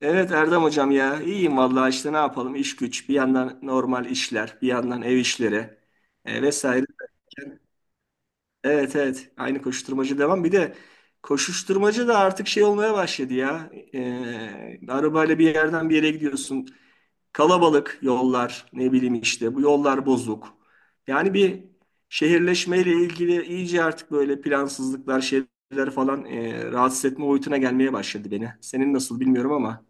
Evet Erdem hocam ya iyiyim vallahi işte ne yapalım, iş güç, bir yandan normal işler, bir yandan ev işleri vesaire. Evet evet, aynı koşuşturmacı devam. Bir de koşuşturmacı da artık şey olmaya başladı ya. Arabayla bir yerden bir yere gidiyorsun, kalabalık yollar, ne bileyim işte bu yollar bozuk. Yani şehirleşmeyle ilgili iyice artık böyle plansızlıklar, şeyler falan rahatsız etme boyutuna gelmeye başladı beni. Senin nasıl bilmiyorum ama.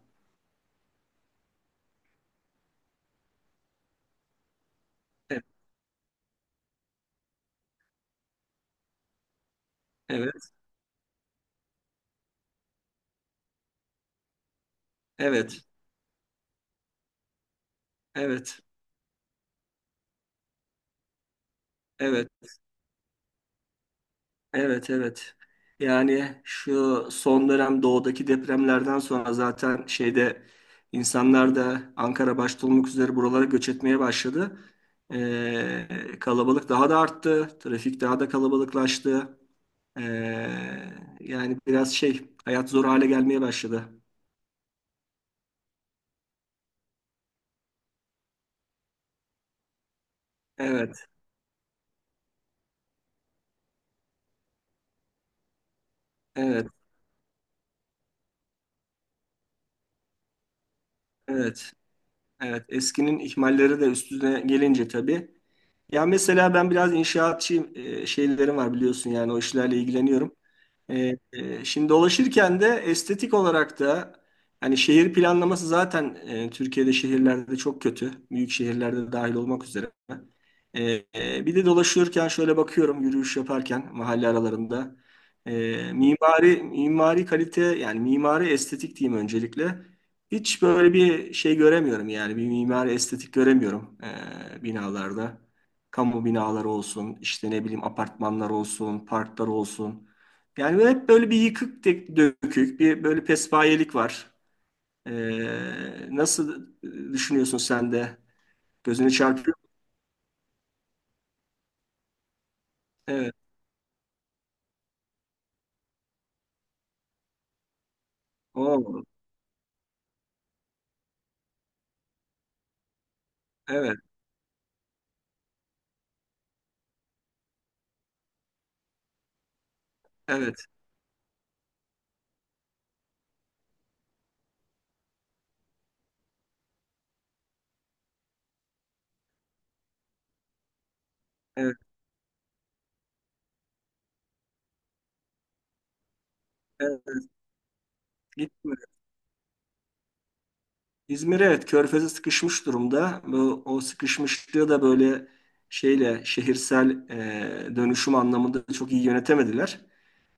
Evet. Evet, evet, evet, evet, evet. Yani şu son dönem doğudaki depremlerden sonra zaten şeyde insanlar da Ankara başta olmak üzere buralara göç etmeye başladı. Ee, Kalabalık daha da arttı, trafik daha da kalabalıklaştı. Ee, Yani biraz şey, hayat zor hale gelmeye başladı. Evet, evet, evet. Evet, eskinin ihmalleri de üstüne gelince tabii. Ya mesela ben biraz inşaatçı şeylerim var biliyorsun, yani o işlerle ilgileniyorum. Şimdi dolaşırken de estetik olarak da hani şehir planlaması zaten Türkiye'de şehirlerde çok kötü. Büyük şehirlerde dahil olmak üzere. E, Bir de dolaşırken şöyle bakıyorum, yürüyüş yaparken mahalle aralarında. Mimari kalite, yani mimari estetik diyeyim öncelikle. Hiç böyle bir şey göremiyorum, yani bir mimari estetik göremiyorum binalarda. Kamu binaları olsun, işte ne bileyim apartmanlar olsun, parklar olsun. Yani böyle hep böyle bir yıkık dökük, bir böyle pespayelik var. Nasıl düşünüyorsun sen de? Gözünü çarpıyor mu? Evet. Oo, evet, evet, evet, evet. Gitme. İzmir evet, körfeze sıkışmış durumda. Bu, o sıkışmışlığı da böyle şeyle, şehirsel dönüşüm anlamında çok iyi yönetemediler.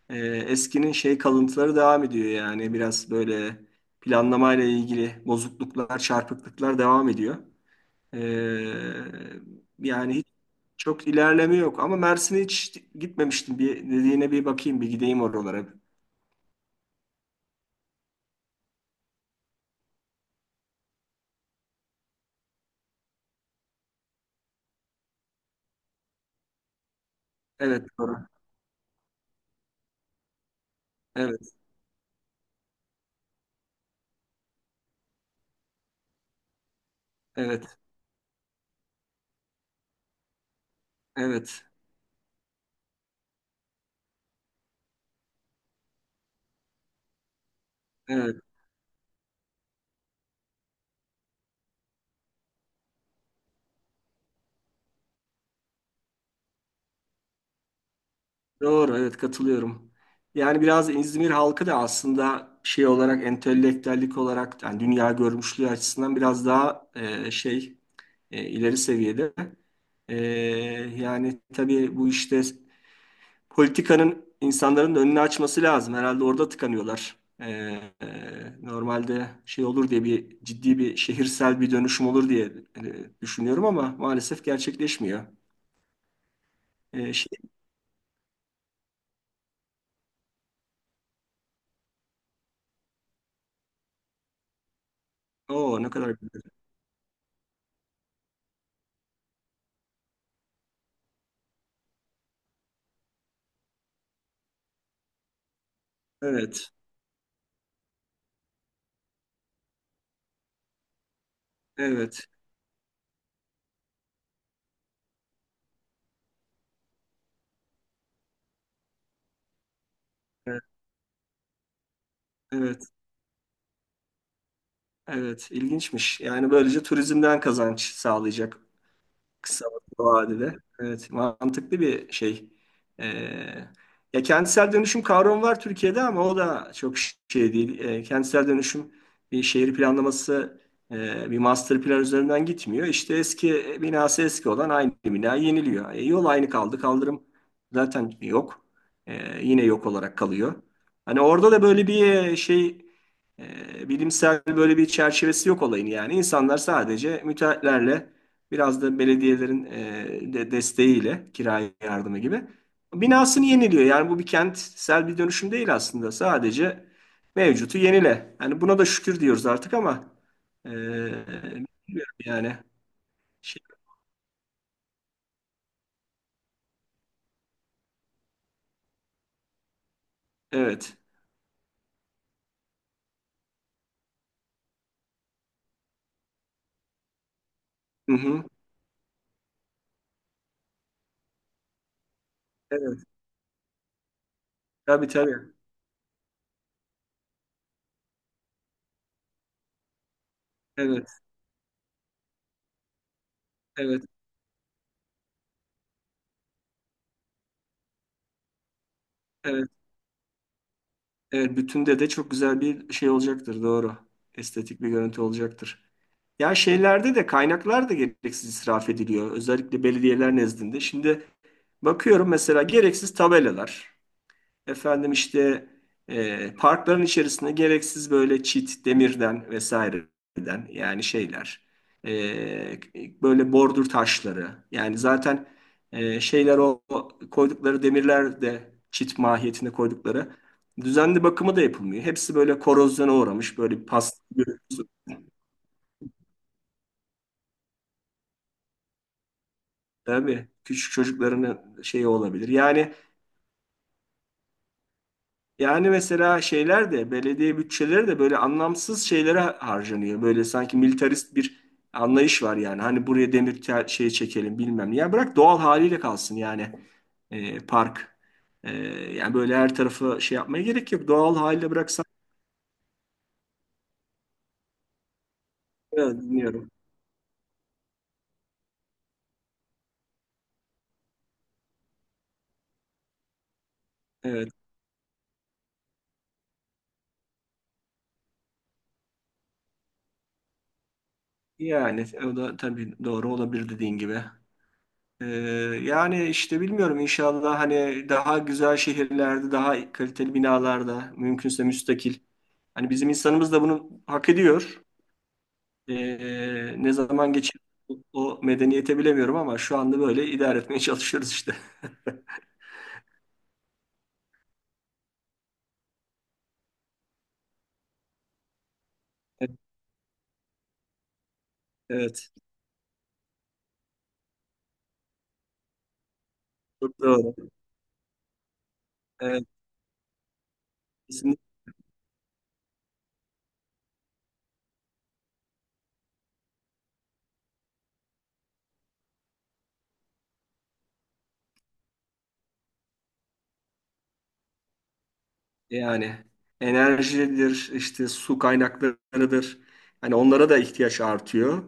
Eskinin şey kalıntıları devam ediyor, yani biraz böyle planlamayla ilgili bozukluklar, çarpıklıklar devam ediyor. E, Yani hiç çok ilerleme yok, ama Mersin'e hiç gitmemiştim. Bir dediğine bir bakayım, bir gideyim oralara. Evet doğru. Evet, evet, evet, evet. Evet. Doğru, evet katılıyorum. Yani biraz İzmir halkı da aslında şey olarak, entelektüellik olarak, yani dünya görmüşlüğü açısından biraz daha şey, ileri seviyede. E, Yani tabii bu işte politikanın insanların da önünü açması lazım. Herhalde orada tıkanıyorlar. Normalde şey olur diye, bir ciddi bir şehirsel bir dönüşüm olur diye düşünüyorum ama maalesef gerçekleşmiyor. E, şey, O ne kadar güzel. Evet, evet. E, Evet, evet ilginçmiş. Yani böylece turizmden kazanç sağlayacak. Kısa vadede. Evet, mantıklı bir şey. Ee, Ya kentsel dönüşüm kavramı var Türkiye'de, ama o da çok şey değil. Kentsel dönüşüm şehir planlaması, bir master plan üzerinden gitmiyor. İşte eski binası eski olan aynı bina yeniliyor. E, yol aynı kaldı, kaldırım zaten yok. Yine yok olarak kalıyor. Hani orada da böyle bir e, şey e, bilimsel böyle bir çerçevesi yok olayın, yani. İnsanlar sadece müteahhitlerle, biraz da belediyelerin de desteğiyle, kira yardımı gibi, binasını yeniliyor. Yani bu bir kentsel bir dönüşüm değil aslında. Sadece mevcutu yenile. Yani buna da şükür diyoruz artık, ama e, bilmiyorum yani. Şey, evet. Hı hı. Evet. Tabii tabii. Evet. Evet. Evet. Evet. Bütünde de çok güzel bir şey olacaktır. Doğru. Estetik bir görüntü olacaktır. Ya şeylerde de kaynaklar da gereksiz israf ediliyor. Özellikle belediyeler nezdinde. Şimdi bakıyorum mesela, gereksiz tabelalar. Efendim işte, parkların içerisinde gereksiz böyle çit, demirden vesaireden, yani şeyler. E, Böyle bordür taşları. Yani zaten şeyler, o koydukları demirler de çit mahiyetinde koydukları. Düzenli bakımı da yapılmıyor. Hepsi böyle korozyona uğramış. Böyle pas, tabii küçük çocukların şeyi olabilir. Yani, yani mesela şeyler de belediye bütçeleri de böyle anlamsız şeylere harcanıyor. Böyle sanki militarist bir anlayış var yani. Hani buraya demir şey çekelim bilmem ne. Ya bırak doğal haliyle kalsın, yani park. E, Yani böyle her tarafı şey yapmaya gerek yok. Doğal haliyle bıraksan. Evet, dinliyorum. Evet. Yani o da tabii doğru olabilir, dediğin gibi. Ee, Yani işte bilmiyorum, inşallah hani daha güzel şehirlerde, daha kaliteli binalarda, mümkünse müstakil. Hani bizim insanımız da bunu hak ediyor. Ne zaman geçer o medeniyete bilemiyorum, ama şu anda böyle idare etmeye çalışıyoruz işte. Evet, çok doğru. Evet, kesinlikle. Yani enerjidir, işte su kaynaklarıdır. Hani onlara da ihtiyaç artıyor.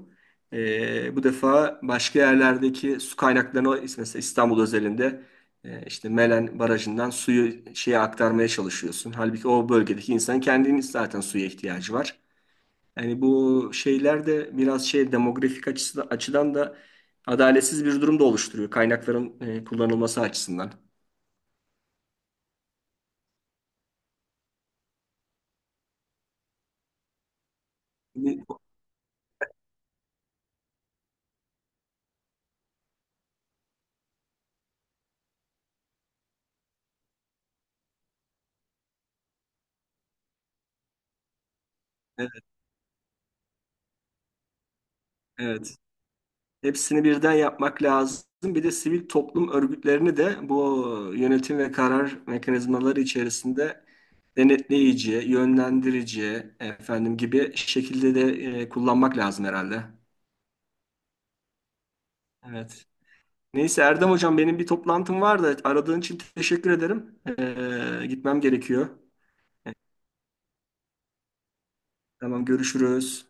Bu defa başka yerlerdeki su kaynaklarını, mesela İstanbul özelinde, işte Melen Barajı'ndan suyu şeye aktarmaya çalışıyorsun. Halbuki o bölgedeki insanın kendinin zaten suya ihtiyacı var. Yani bu şeyler de biraz şey demografik açıdan da adaletsiz bir durum da oluşturuyor, kaynakların kullanılması açısından. Evet. Evet. Hepsini birden yapmak lazım. Bir de sivil toplum örgütlerini de bu yönetim ve karar mekanizmaları içerisinde denetleyici, yönlendirici, efendim gibi şekilde de kullanmak lazım herhalde. Evet. Neyse Erdem hocam, benim bir toplantım var da, aradığın için teşekkür ederim. Gitmem gerekiyor. E, Tamam, görüşürüz.